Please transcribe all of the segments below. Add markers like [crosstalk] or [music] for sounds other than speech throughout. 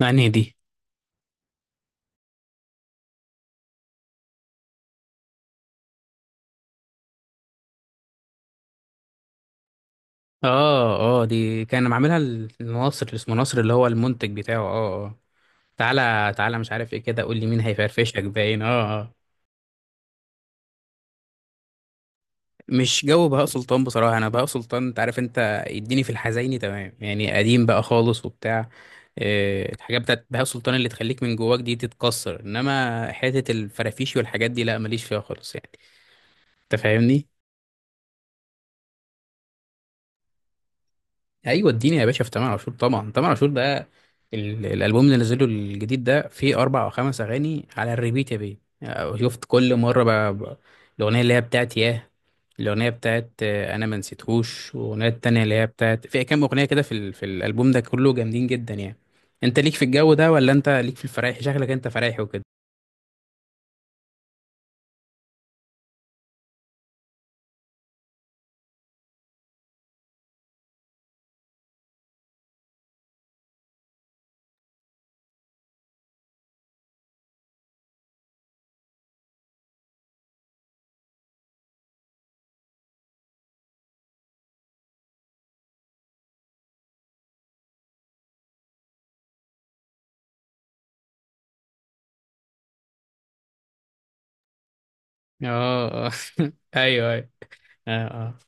مع دي. اه اه، دي كان معاملها الناصر اللي اسمه ناصر اللي هو المنتج بتاعه. اه اه، تعالى تعالى مش عارف ايه كده قول لي مين هيفرفشك باين. اه اه، مش جو بهاء سلطان بصراحة. انا بهاء سلطان انت عارف، انت اديني في الحزيني تمام يعني قديم بقى خالص وبتاع. الحاجات بتاعت بهاء سلطان اللي تخليك من جواك دي تتكسر، انما حتة الفرافيشي والحاجات دي لا ماليش فيها خالص يعني. انت فاهمني؟ ايوه اديني يا باشا في تامر عاشور. طبعا تامر عاشور ده الالبوم اللي نزله الجديد ده فيه اربع او خمس اغاني على الريبيت يا بيه. يعني شفت؟ كل مره بقى الاغنيه اللي هي بتاعت ياه، الاغنيه بتاعت انا ما نسيتهوش، والاغنيه التانيه اللي هي بتاعت في كام اغنيه كده في في الالبوم ده كله جامدين جدا يعني. انت ليك في الجو ده ولا انت ليك في الفرايح؟ شكلك انت فرايحي وكده. اه اه. [laughs] ايوه ايوه. اه اه.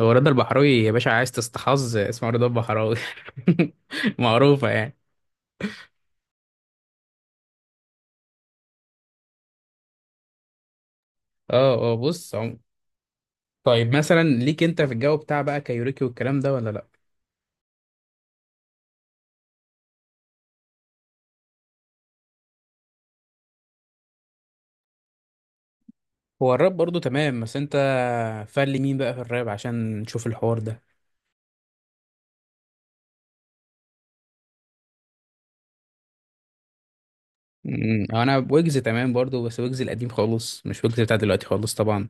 هو رضا البحراوي يا باشا عايز تستحظ اسمه رضا البحراوي. [laughs] معروفه يعني. اه اه. طيب مثلا ليك انت في الجو بتاع بقى كايوريكي والكلام ده ولا لا؟ هو الراب برضو تمام بس انت فل مين بقى في الراب عشان نشوف الحوار ده؟ انا ويجز تمام برضو، بس ويجز القديم خالص مش ويجز بتاع دلوقتي خالص طبعا.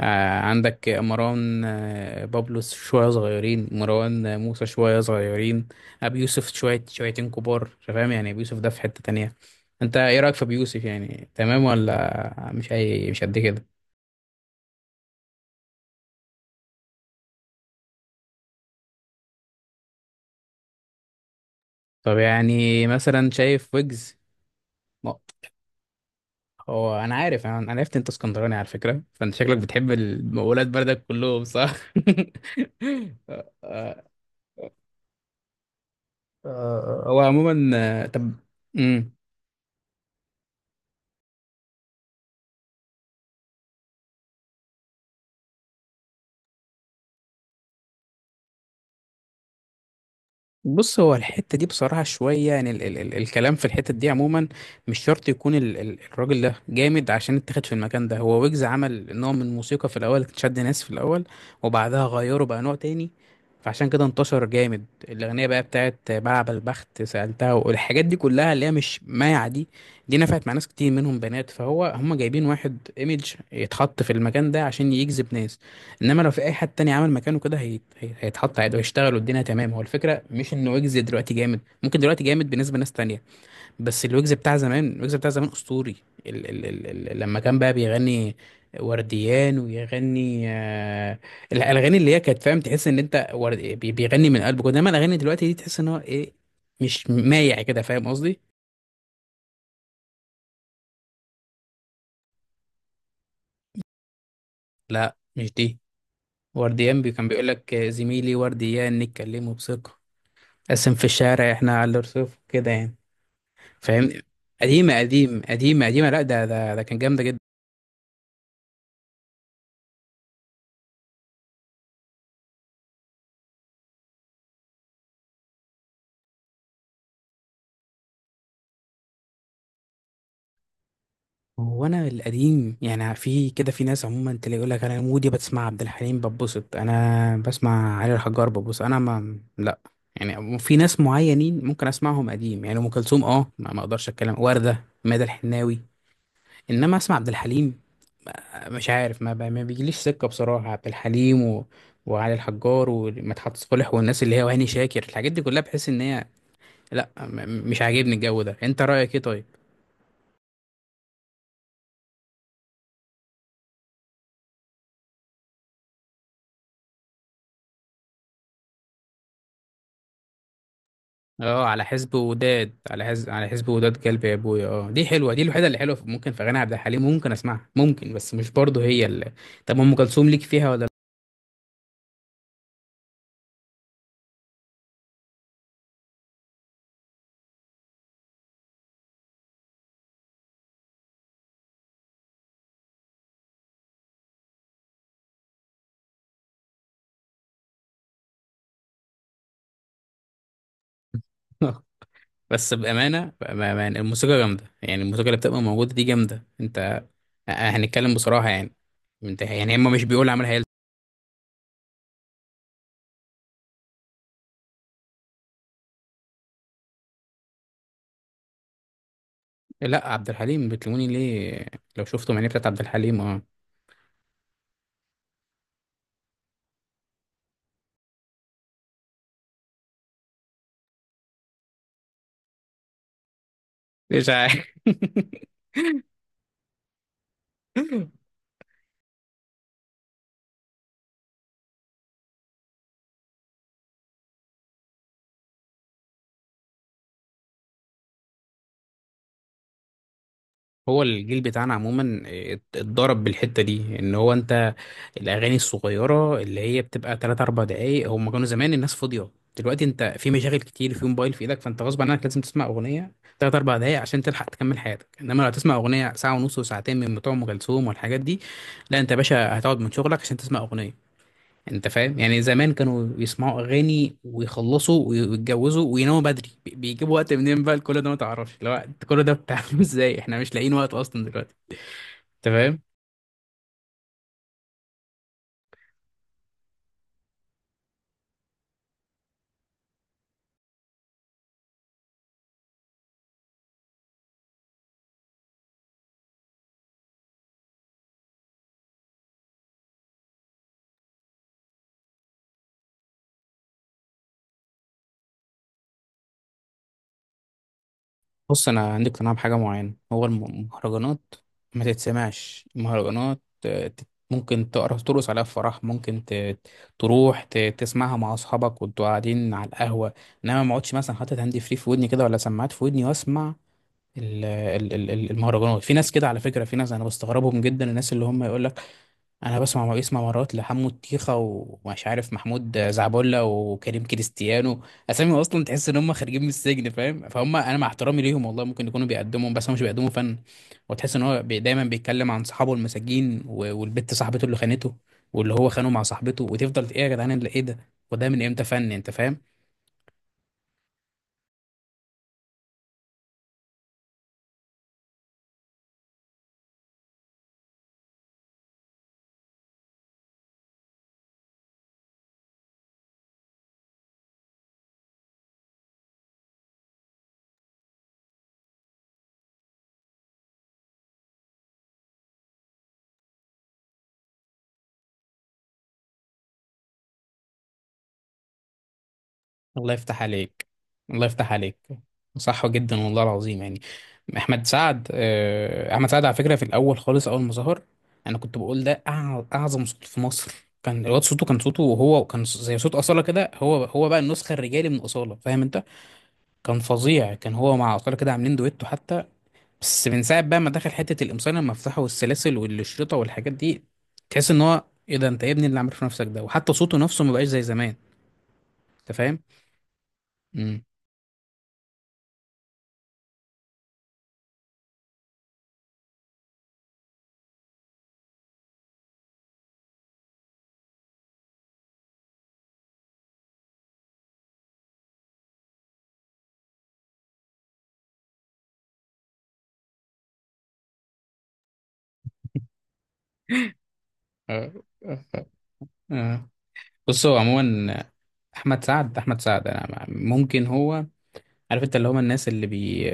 آه، عندك مروان، آه بابلو شوية صغيرين، مروان، موسى شوية صغيرين. أبي يوسف شوية شويتين كبار. أنت فاهم يعني؟ أبي يوسف ده في حتة تانية. أنت إيه رأيك في أبي يوسف؟ يعني تمام ولا مش أي مش قد كده؟ طب يعني مثلا شايف ويجز؟ ما- هو انا عارف، انا أنا عرفت انت اسكندراني على فكره، فانت شكلك بتحب ولاد بلدك كلهم صح. [laughs] آه،. هو عموما طب. مم. بص هو الحتة دي بصراحة شوية يعني، ال الكلام في الحتة دي عموما مش شرط يكون ال الراجل ده جامد عشان اتخذ في المكان ده. هو ويجز عمل نوع من موسيقى في الأول كانت شد ناس في الأول، وبعدها غيره بقى نوع تاني. فعشان كده انتشر جامد. الأغنية بقى بتاعت بلعب البخت سألتها والحاجات دي كلها اللي هي مش مايعة دي، دي نفعت مع ناس كتير منهم بنات، فهو هم جايبين واحد ايميج يتحط في المكان ده عشان يجذب ناس. انما لو في اي حد تاني عمل مكانه كده هيتحط عادي وهيشتغل والدنيا تمام. هو الفكره مش ان ويجز دلوقتي جامد، ممكن دلوقتي جامد بالنسبه لناس تانية، بس الويجز بتاع زمان، الويجز بتاع زمان اسطوري. لما كان بقى بيغني ورديان ويغني الاغاني اللي هي كانت، فاهم، تحس ان انت بيغني من قلبك، انما الاغاني دلوقتي دي تحس ان هو ايه، مش مايع كده. فاهم قصدي؟ لا مش دي. كان بيقول لك زميلي ورديان نتكلموا بثقه، قسم في الشارع احنا على الرصيف كده يعني. فاهمني؟ قديمه قديم، قديمه لا ده ده كان جامده جدا. هو انا القديم يعني في كده، في ناس عموما تلاقي يقول لك انا مودي بتسمع عبد الحليم ببسط، انا بسمع علي الحجار ببسط، انا ما لا. يعني في ناس معينين ممكن اسمعهم قديم، يعني ام كلثوم اه ما اقدرش اتكلم، ورده، ماذا الحناوي. انما اسمع عبد الحليم، مش عارف ما, ما بيجيليش سكه بصراحه عبد الحليم و... وعلي الحجار ومدحت صالح والناس اللي هي وهاني شاكر، الحاجات دي كلها بحس ان هي لا، مش عاجبني الجو ده. انت رأيك ايه طيب؟ اه على حزب وداد، على حزب وداد كلب يا ابويا، اه دي حلوه، دي الوحيده اللي حلوه ممكن في غنى عبد الحليم ممكن اسمعها، ممكن، بس مش برضه هي اللي. طب ام كلثوم ليك فيها ولا؟ لا. [laughs] بس بامانه، بامانه الموسيقى جامده يعني، الموسيقى اللي بتبقى موجوده دي جامده. انت هنتكلم بصراحه يعني، انت يعني هم مش بيقول عملها هي؟ لا، عبد الحليم بتلوموني ليه، لو شفتوا معنيه بتاعت عبد الحليم اه. مش عارف. [laughs] هو الجيل بتاعنا عموما اتضرب بالحتة دي ان هو انت، الاغاني الصغيرة اللي هي بتبقى 3 4 دقايق، هم كانوا زمان الناس فاضية. دلوقتي انت في مشاغل كتير، في موبايل في ايدك، فانت غصب عنك لازم تسمع اغنية 3 4 دقايق عشان تلحق تكمل حياتك. انما لو تسمع اغنية ساعة ونص وساعتين من بتوع ام كلثوم والحاجات دي، لا انت يا باشا هتقعد من شغلك عشان تسمع اغنية. انت فاهم يعني؟ زمان كانوا يسمعوا اغاني ويخلصوا ويتجوزوا ويناموا بدري، بيجيبوا وقت منين بقى لكل ده؟ ما تعرفش لو انت كل ده بتعمله. [laughs] ازاي احنا مش لاقيين وقت اصلا دلوقتي؟ انت فاهم؟ بص انا عندي اقتناع بحاجه معينه. هو المهرجانات ما تتسمعش المهرجانات. ممكن تقرا ترقص عليها في فرح، ممكن تروح تسمعها مع اصحابك وانتوا قاعدين على القهوه، انما ما اقعدش مثلا حاطط هاند فري في ودني كده، ولا سماعات في ودني واسمع المهرجانات. في ناس كده على فكرة، في ناس انا بستغربهم جدا، الناس اللي هم يقول لك انا بسمع مرات لحمو الطيخة ومش عارف محمود زعبولة وكريم كريستيانو. اسامي اصلا تحس ان هم خارجين من السجن، فاهم؟ فهم انا مع احترامي ليهم والله ممكن يكونوا بيقدموا، بس هم مش بيقدموا فن. وتحس ان هو دايما بيتكلم عن صحابه المساجين، والبت صاحبته اللي خانته واللي هو خانه مع صاحبته، وتفضل ايه يا جدعان اللي ايه ده؟ وده من امتى فن؟ انت فاهم؟ الله يفتح عليك، الله يفتح عليك. صح جدا والله العظيم يعني. احمد سعد، احمد سعد على فكره في الاول خالص، اول ما ظهر انا كنت بقول ده اعظم صوت في مصر. كان الواد صوته، كان صوته وهو كان زي صوت اصاله كده، هو بقى النسخه الرجالي من اصاله. فاهم انت؟ كان فظيع، كان هو مع اصاله كده عاملين دويتو حتى. بس من ساعه بقى ما دخل حته القمصان المفتاحه والسلاسل والشريطه والحاجات دي، تحس ان هو ايه ده؟ انت يا ابني اللي عامل في نفسك ده! وحتى صوته نفسه ما بقاش زي زمان. انت فاهم؟ امم آه. بص هو عموما احمد سعد، احمد سعد، انا ممكن هو عارف انت اللي هم الناس اللي بي،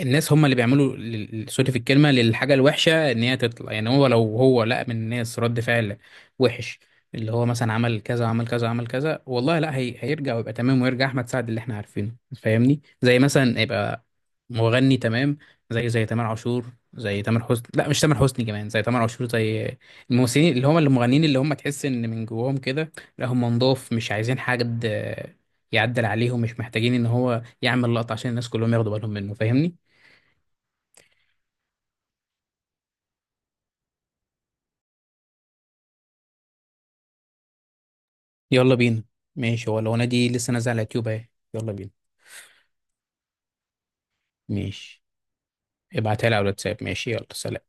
الناس هم اللي بيعملوا سوري في الكلمه، للحاجه الوحشه ان هي تطلع. يعني هو لو هو لقى من الناس رد فعل وحش، اللي هو مثلا عمل كذا عمل كذا عمل كذا، والله لا هي، هيرجع ويبقى تمام ويرجع احمد سعد اللي احنا عارفينه. فاهمني؟ زي مثلا يبقى مغني تمام، زي تامر عاشور، زي تامر حسني، لا مش تامر حسني كمان، زي تامر عاشور، زي الممثلين اللي هم المغنيين اللي هم تحس ان من جواهم كده لا هم نضاف، مش عايزين حاجه يعدل عليهم، مش محتاجين ان هو يعمل لقطه عشان الناس كلهم ياخدوا بالهم منه. فاهمني؟ يلا بينا. ماشي، هو لو انا دي لسه نازله على اليوتيوب اهي، يلا بينا. ماشي، ابعتها لي على الواتساب. ماشي، يلا سلام.